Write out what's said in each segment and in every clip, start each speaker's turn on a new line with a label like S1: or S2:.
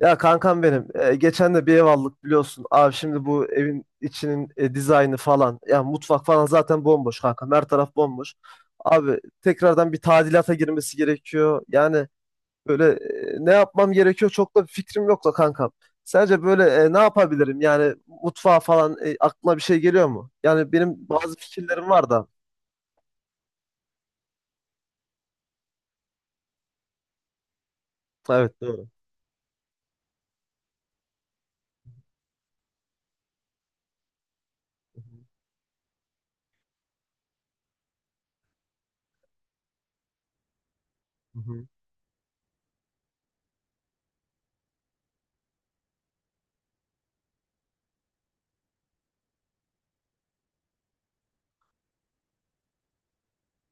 S1: Ya kankam benim geçen de bir ev aldık biliyorsun. Abi şimdi bu evin içinin dizaynı falan. Ya mutfak falan zaten bomboş kankam. Her taraf bomboş. Abi tekrardan bir tadilata girmesi gerekiyor. Yani böyle ne yapmam gerekiyor çok da bir fikrim yok da kankam. Sence böyle ne yapabilirim? Yani mutfağa falan aklına bir şey geliyor mu? Yani benim bazı fikirlerim var da. Evet, doğru. Hı hı. Hı hı.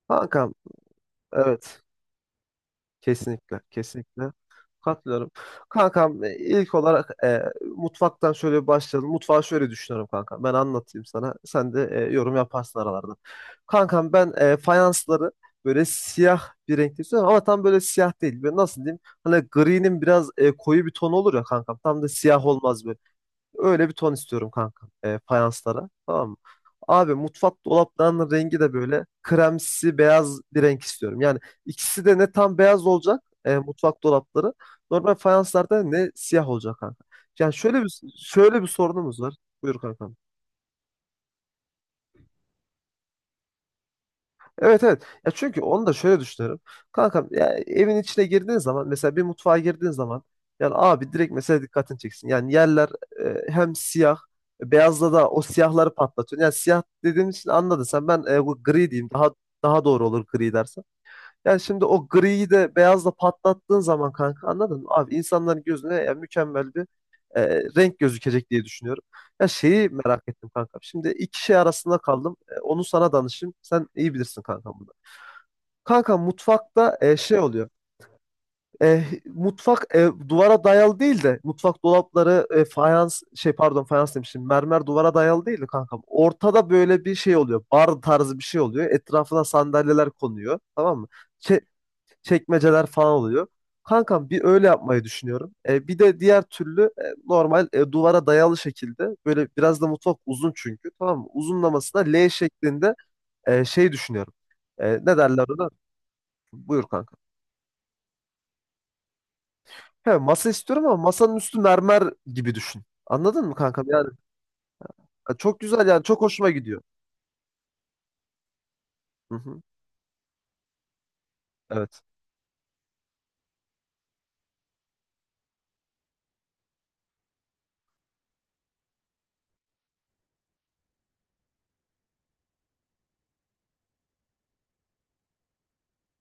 S1: Kankam, evet. Kesinlikle, kesinlikle. Katılıyorum. Kankam, ilk olarak, mutfaktan şöyle bir başlayalım. Mutfağı şöyle düşünüyorum kankam. Ben anlatayım sana. Sen de yorum yaparsın aralarda. Kankam ben fayansları böyle siyah bir renkte istiyorum ama tam böyle siyah değil. Böyle nasıl diyeyim? Hani gri'nin biraz koyu bir tonu olur ya kankam. Tam da siyah olmaz böyle. Öyle bir ton istiyorum kanka. Fayanslara. Tamam mı? Abi mutfak dolaplarının rengi de böyle kremsi beyaz bir renk istiyorum. Yani ikisi de ne tam beyaz olacak mutfak dolapları. Normal fayanslarda ne siyah olacak kanka. Yani şöyle bir sorunumuz var. Buyur kanka. Evet, evet. Ya çünkü onu da şöyle düşünüyorum. Kankam, ya evin içine girdiğin zaman, mesela bir mutfağa girdiğin zaman, yani abi direkt mesela dikkatini çeksin. Yani yerler hem siyah beyazla da o siyahları patlatıyor. Yani siyah dediğim için anladın sen, ben bu gri diyeyim, daha doğru olur gri dersen. Yani şimdi o griyi de beyazla patlattığın zaman kanka, anladın mı? Abi insanların gözüne ya mükemmel bir e, renk gözükecek diye düşünüyorum. Ya şeyi merak ettim kankam. Şimdi iki şey arasında kaldım. Onu sana danışayım. Sen iyi bilirsin kankam. Kanka mutfakta şey oluyor. Mutfak duvara dayalı değil de mutfak dolapları fayans şey, pardon, fayans demişim, mermer duvara dayalı değil de kankam. Ortada böyle bir şey oluyor. Bar tarzı bir şey oluyor. Etrafına sandalyeler konuyor. Tamam mı? Çe- Çekmeceler falan oluyor. Kankam bir öyle yapmayı düşünüyorum. Bir de diğer türlü normal, duvara dayalı şekilde, böyle biraz da mutfak uzun çünkü, tamam mı? Uzunlamasına L şeklinde şey düşünüyorum. Ne derler ona? Buyur kanka. He, masa istiyorum ama masanın üstü mermer gibi düşün. Anladın mı kankam? Yani ya çok güzel yani, çok hoşuma gidiyor. Hı hı. Evet.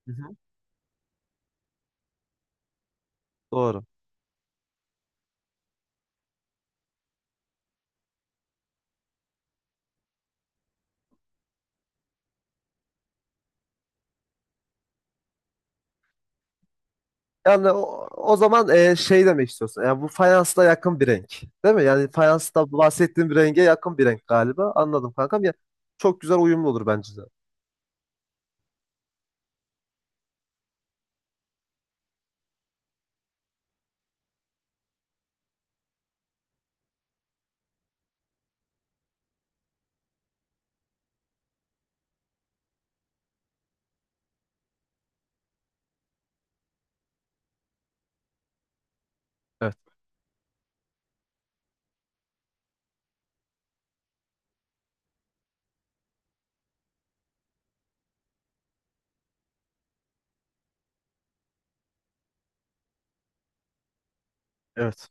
S1: Hı hı. Doğru. Yani o zaman şey demek istiyorsun. Yani bu fayansla yakın bir renk. Değil mi? Yani fayansla bahsettiğim bir renge yakın bir renk galiba. Anladım kankam. Ya çok güzel uyumlu olur bence de. Evet, evet.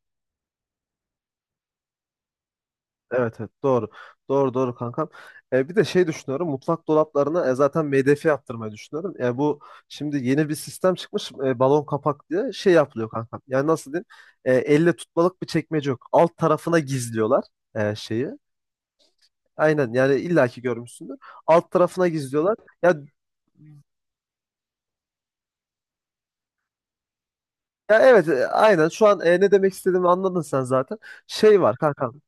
S1: Evet, evet. Doğru. Doğru, doğru kankam. Bir de şey düşünüyorum. Mutfak dolaplarına zaten MDF yaptırmayı düşünüyorum. Bu şimdi yeni bir sistem çıkmış. Balon kapak diye şey yapılıyor kankam. Yani nasıl diyeyim? Elle tutmalık bir çekmece yok. Alt tarafına gizliyorlar şeyi. Aynen, yani illaki görmüşsündür. Alt tarafına gizliyorlar. Ya, ya, evet, aynen şu an ne demek istediğimi anladın sen zaten. Şey var kankam.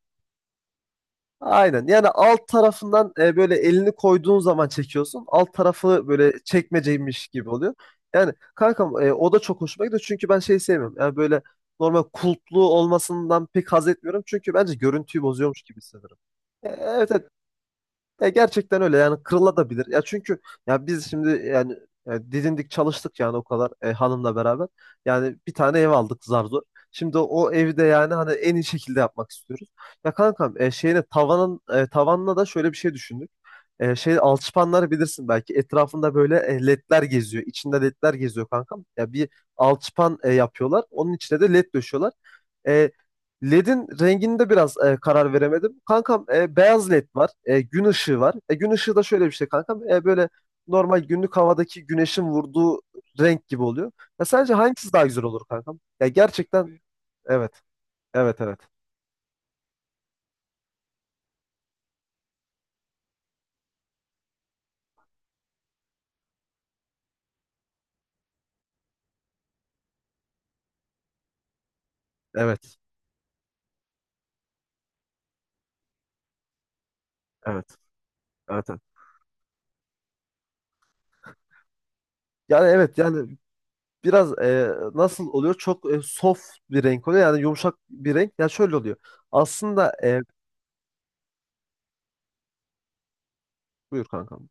S1: Aynen. Yani alt tarafından böyle elini koyduğun zaman çekiyorsun. Alt tarafı böyle çekmeceymiş gibi oluyor. Yani kankam, o da çok hoşuma gidiyor. Çünkü ben şey sevmiyorum. Yani böyle normal kulplu olmasından pek haz etmiyorum. Çünkü bence görüntüyü bozuyormuş gibi hissediyorum. Evet, evet. Ya gerçekten öyle, yani kırılabilir. Ya çünkü ya biz şimdi yani, didindik çalıştık yani o kadar, hanımla beraber. Yani bir tane ev aldık zar zor. Şimdi o evi de yani hani en iyi şekilde yapmak istiyoruz. Ya kankam, şeyine tavanın, tavanına da şöyle bir şey düşündük. Şey, alçıpanları bilirsin belki, etrafında böyle ledler geziyor. İçinde ledler geziyor kankam. Ya bir alçıpan yapıyorlar. Onun içine de led döşüyorlar. E, LED'in renginde biraz karar veremedim. Kankam, beyaz LED var. Gün ışığı var. Gün ışığı da şöyle bir şey kankam. Böyle normal günlük havadaki güneşin vurduğu renk gibi oluyor. Ya sence hangisi daha güzel olur kankam? Ya gerçekten evet. Evet, evet. Evet. Evet. Evet, evet. Yani evet yani biraz, nasıl oluyor? Çok soft bir renk oluyor. Yani yumuşak bir renk. Ya şöyle oluyor. Aslında buyur kankam.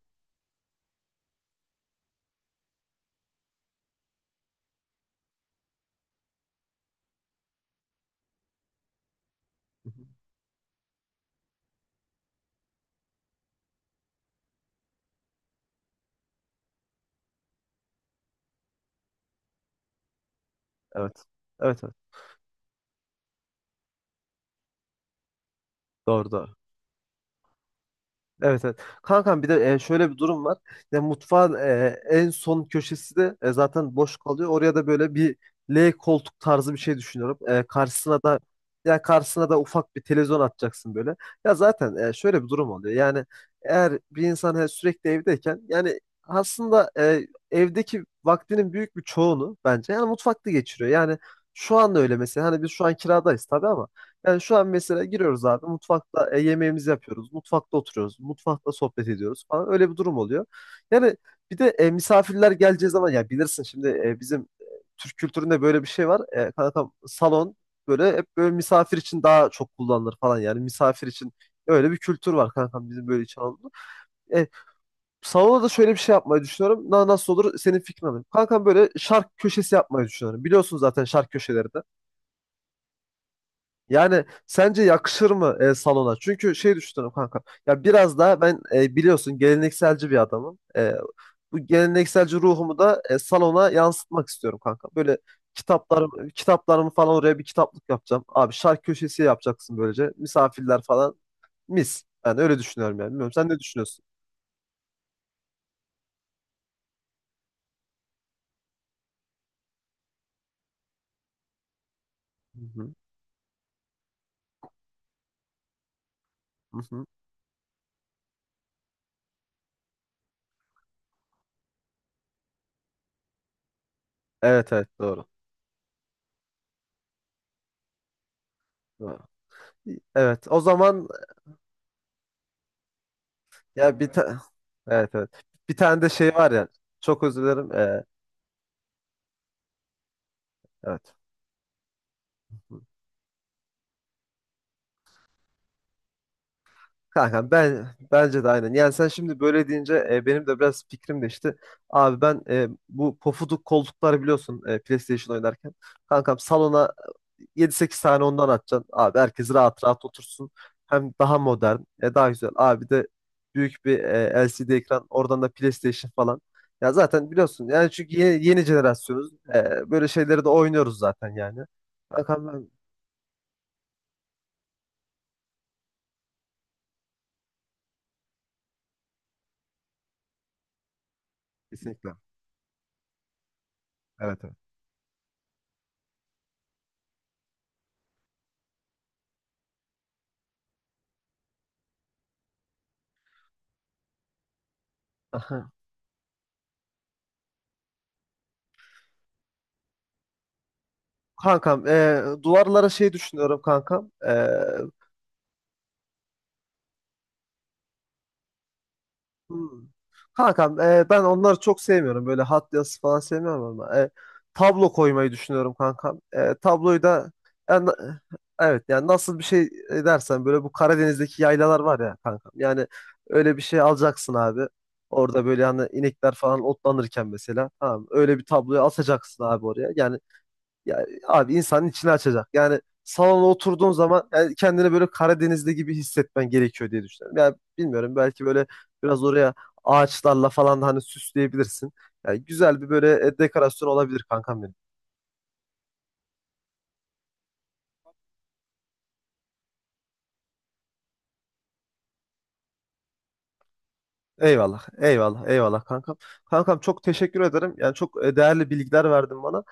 S1: Hı hı. Evet. Evet, evet. Doğru, doğru. Evet, evet. Kankam bir de şöyle bir durum var. Ya mutfağın en son köşesi de zaten boş kalıyor. Oraya da böyle bir L koltuk tarzı bir şey düşünüyorum. Karşısına da ya karşısına da ufak bir televizyon atacaksın böyle. Ya zaten şöyle bir durum oluyor. Yani eğer bir insan sürekli evdeyken yani aslında evdeki vaktinin büyük bir çoğunu bence yani mutfakta geçiriyor. Yani şu anda öyle mesela, hani biz şu an kiradayız tabii ama yani şu an mesela giriyoruz abi, mutfakta yemeğimizi yapıyoruz. Mutfakta oturuyoruz. Mutfakta sohbet ediyoruz falan. Öyle bir durum oluyor. Yani bir de misafirler geleceği zaman ya bilirsin şimdi bizim Türk kültüründe böyle bir şey var. Kankam salon böyle hep böyle misafir için daha çok kullanılır falan. Yani misafir için öyle bir kültür var kankam bizim böyle için Anadolu'da. E, Salona da şöyle bir şey yapmayı düşünüyorum. Nasıl olur, senin fikrin alayım. Kankam böyle şark köşesi yapmayı düşünüyorum. Biliyorsun zaten şark köşeleri de. Yani sence yakışır mı salona? Çünkü şey düşünüyorum kanka. Ya biraz daha ben biliyorsun gelenekselci bir adamım. Bu gelenekselci ruhumu da salona yansıtmak istiyorum kanka. Böyle kitaplarımı falan oraya bir kitaplık yapacağım. Abi şarkı köşesi yapacaksın böylece. Misafirler falan mis. Ben öyle düşünüyorum yani. Bilmiyorum, sen ne düşünüyorsun? Hı hı, hı hı. Evet, evet, doğru. Doğru. Evet, o zaman ya evet, evet. Bir tane de şey var ya. Çok özür dilerim. Evet. Kanka, ben bence de aynen. Yani sen şimdi böyle deyince benim de biraz fikrim değişti. Abi ben, bu pofuduk koltuklar biliyorsun, PlayStation oynarken. Kankam salona yedi sekiz tane ondan atacaksın. Abi herkes rahat rahat otursun. Hem daha modern, daha güzel. Abi de büyük bir LCD ekran. Oradan da PlayStation falan. Ya zaten biliyorsun yani, çünkü yeni jenerasyonuz. Böyle şeyleri de oynuyoruz zaten yani. Kankam ben kesinlikle. Evet, evet. Kankam, duvarlara şey düşünüyorum kankam. Hmm. Kankam, ben onları çok sevmiyorum. Böyle hat yazısı falan sevmiyorum ama. Tablo koymayı düşünüyorum kankam. Tabloyu da yani, evet yani nasıl bir şey dersen, böyle bu Karadeniz'deki yaylalar var ya kankam. Yani öyle bir şey alacaksın abi. Orada böyle hani inekler falan otlanırken mesela. Tamam, öyle bir tabloyu asacaksın abi oraya. Yani ya abi insanın içini açacak. Yani salona oturduğun zaman yani kendini böyle Karadeniz'de gibi hissetmen gerekiyor diye düşünüyorum. Yani bilmiyorum belki böyle biraz oraya ağaçlarla falan da hani süsleyebilirsin. Yani güzel bir böyle dekorasyon olabilir kankam benim. Eyvallah, eyvallah, eyvallah kankam. Kankam çok teşekkür ederim. Yani çok değerli bilgiler verdin bana.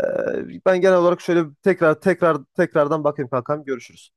S1: Ben genel olarak şöyle tekrardan bakayım kankam. Görüşürüz.